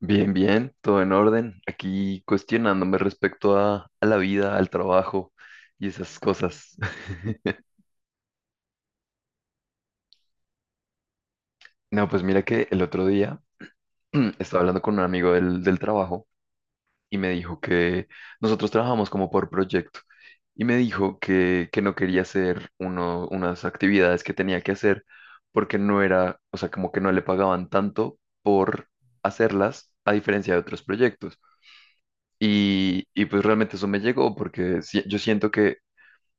Bien, bien, todo en orden. Aquí cuestionándome respecto a la vida, al trabajo y esas cosas. No, pues mira que el otro día estaba hablando con un amigo del trabajo y me dijo que nosotros trabajamos como por proyecto y me dijo que no quería hacer unas actividades que tenía que hacer porque no era, o sea, como que no le pagaban tanto por hacerlas a diferencia de otros proyectos. Y pues realmente eso me llegó porque yo siento que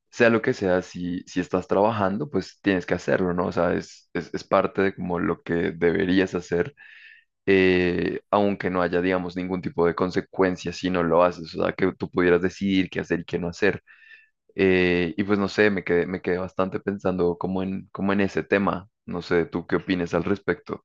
sea lo que sea, si estás trabajando, pues tienes que hacerlo, ¿no? O sea, es parte de como lo que deberías hacer, aunque no haya, digamos, ningún tipo de consecuencia si no lo haces, o sea, que tú pudieras decidir qué hacer y qué no hacer. Y pues no sé, me quedé bastante pensando como en ese tema. No sé, ¿tú qué opinas al respecto?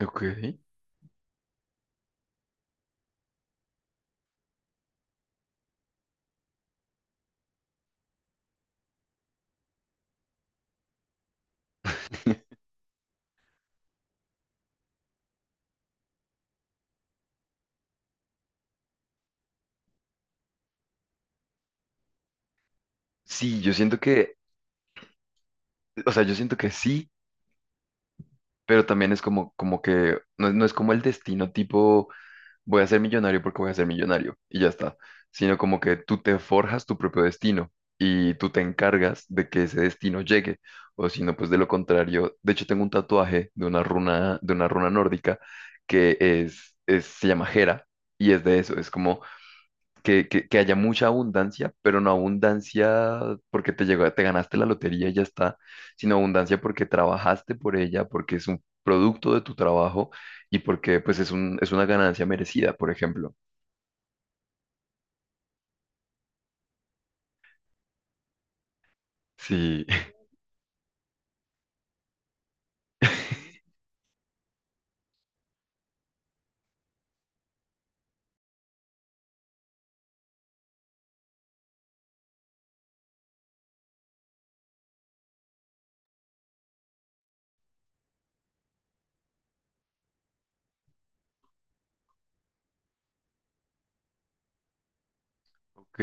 Ok. Sí, yo siento o sea, yo siento que sí, pero también es como que, no, no es como el destino tipo voy a ser millonario porque voy a ser millonario y ya está, sino como que tú te forjas tu propio destino y tú te encargas de que ese destino llegue, o si no, pues de lo contrario, de hecho tengo un tatuaje de una runa nórdica que se llama Hera y es de eso, es como que haya mucha abundancia, pero no abundancia porque te llegó, te ganaste la lotería y ya está, sino abundancia porque trabajaste por ella, porque es un producto de tu trabajo y porque pues es es una ganancia merecida, por ejemplo. Sí. Ok,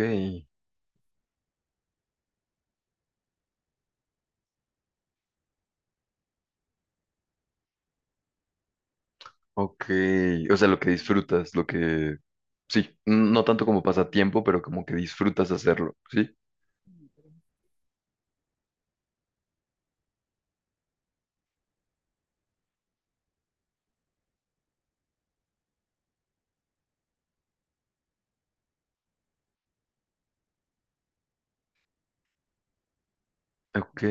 ok. O sea, lo que disfrutas, lo que... Sí, no tanto como pasatiempo, pero como que disfrutas hacerlo, ¿sí? Ok,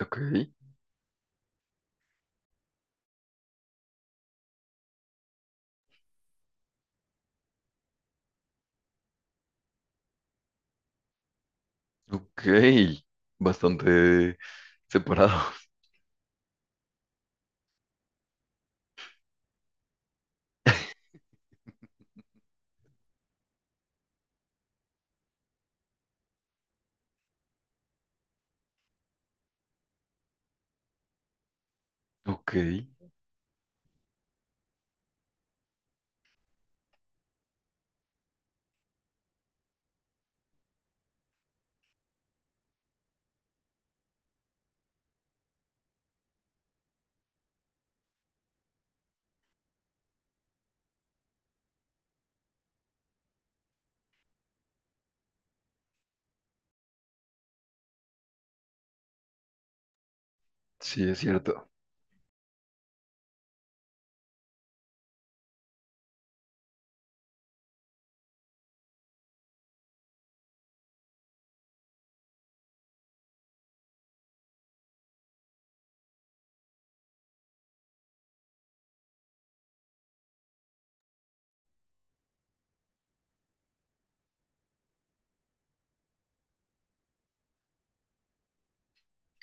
ok, ok. Bastante separado. Ok, sí, es cierto.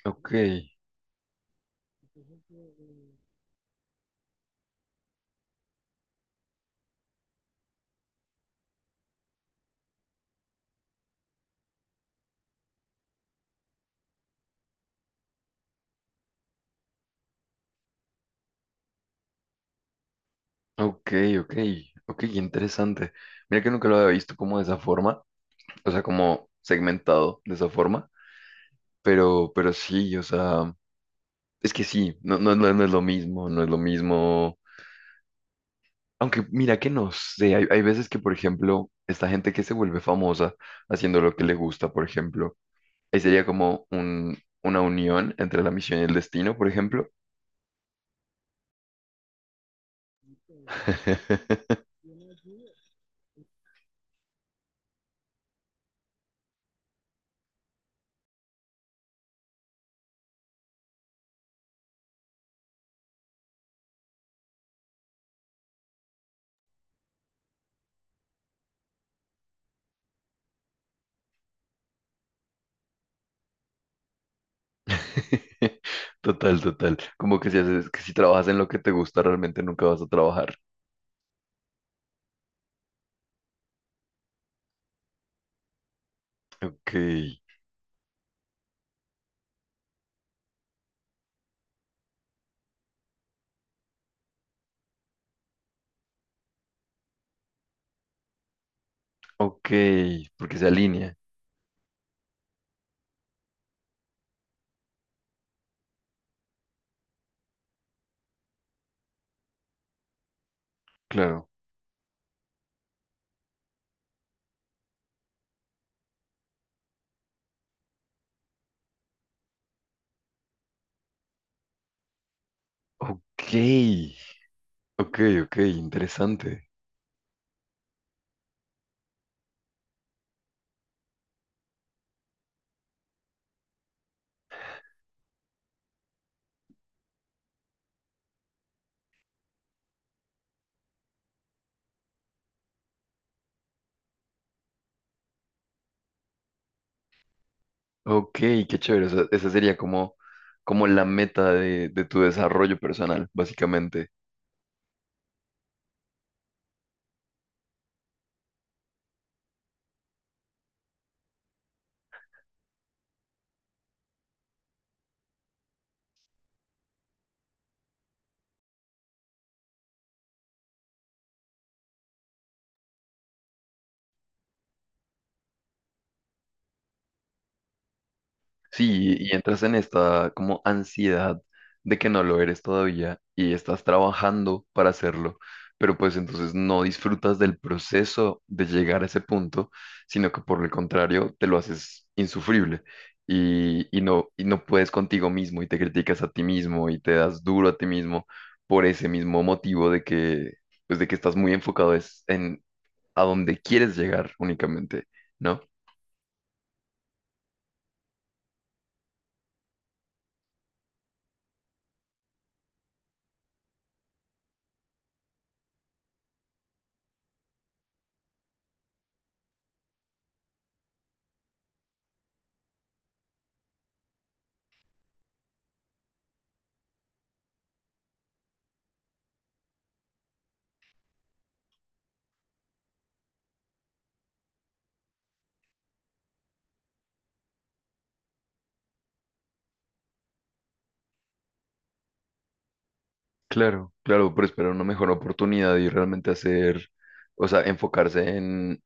Ok, ok, ok, ok, interesante. Mira que nunca lo había visto como de esa forma, o sea, como segmentado de esa forma, pero sí, o sea, es que sí, no es lo mismo, no es lo mismo. Aunque mira que no sé, hay veces que, por ejemplo, esta gente que se vuelve famosa haciendo lo que le gusta, por ejemplo, ahí sería como una unión entre la misión y el destino, por ejemplo. Total, total. Como que si haces, que si trabajas en lo que te gusta, realmente nunca vas a trabajar. Ok, ok, porque se alinea, claro. Ok, ok, ok, interesante. Ok, qué chévere. O sea, esa sería como, como la meta de tu desarrollo personal, básicamente. Sí, y entras en esta como ansiedad de que no lo eres todavía y estás trabajando para hacerlo, pero pues entonces no disfrutas del proceso de llegar a ese punto, sino que por el contrario te lo haces insufrible y, y no puedes contigo mismo y te criticas a ti mismo y te das duro a ti mismo por ese mismo motivo de que, pues de que estás muy enfocado es en a dónde quieres llegar únicamente, ¿no? Claro, claro, pero esperar una mejor oportunidad y realmente hacer, o sea, enfocarse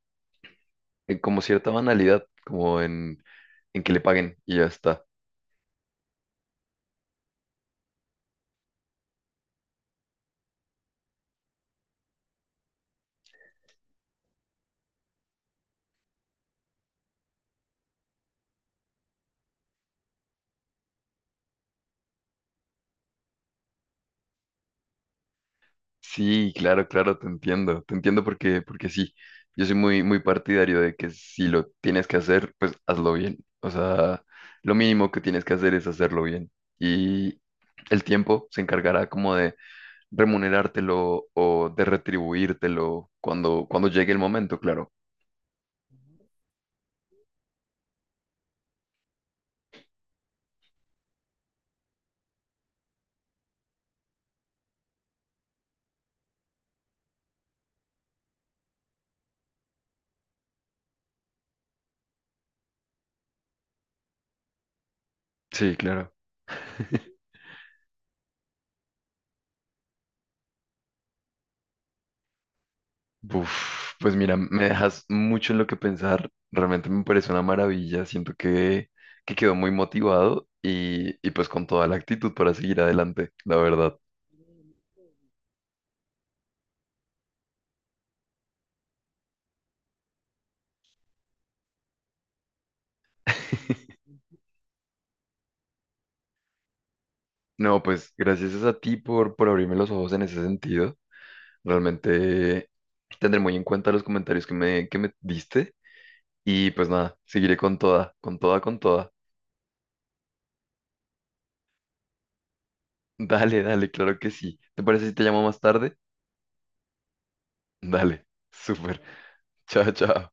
en como cierta banalidad, como en que le paguen y ya está. Sí, claro, claro, te entiendo porque, porque sí, yo soy muy, muy partidario de que si lo tienes que hacer, pues hazlo bien. O sea, lo mínimo que tienes que hacer es hacerlo bien y el tiempo se encargará como de remunerártelo o de retribuírtelo cuando llegue el momento, claro. Sí, claro. Uf, pues mira, me dejas mucho en lo que pensar. Realmente me parece una maravilla. Siento que quedó muy motivado y pues con toda la actitud para seguir adelante, la verdad. No, pues gracias es a ti por abrirme los ojos en ese sentido. Realmente tendré muy en cuenta los comentarios que me diste y pues nada, seguiré con toda, con toda, con toda. Dale, dale, claro que sí. ¿Te parece si te llamo más tarde? Dale, súper. Chao, chao.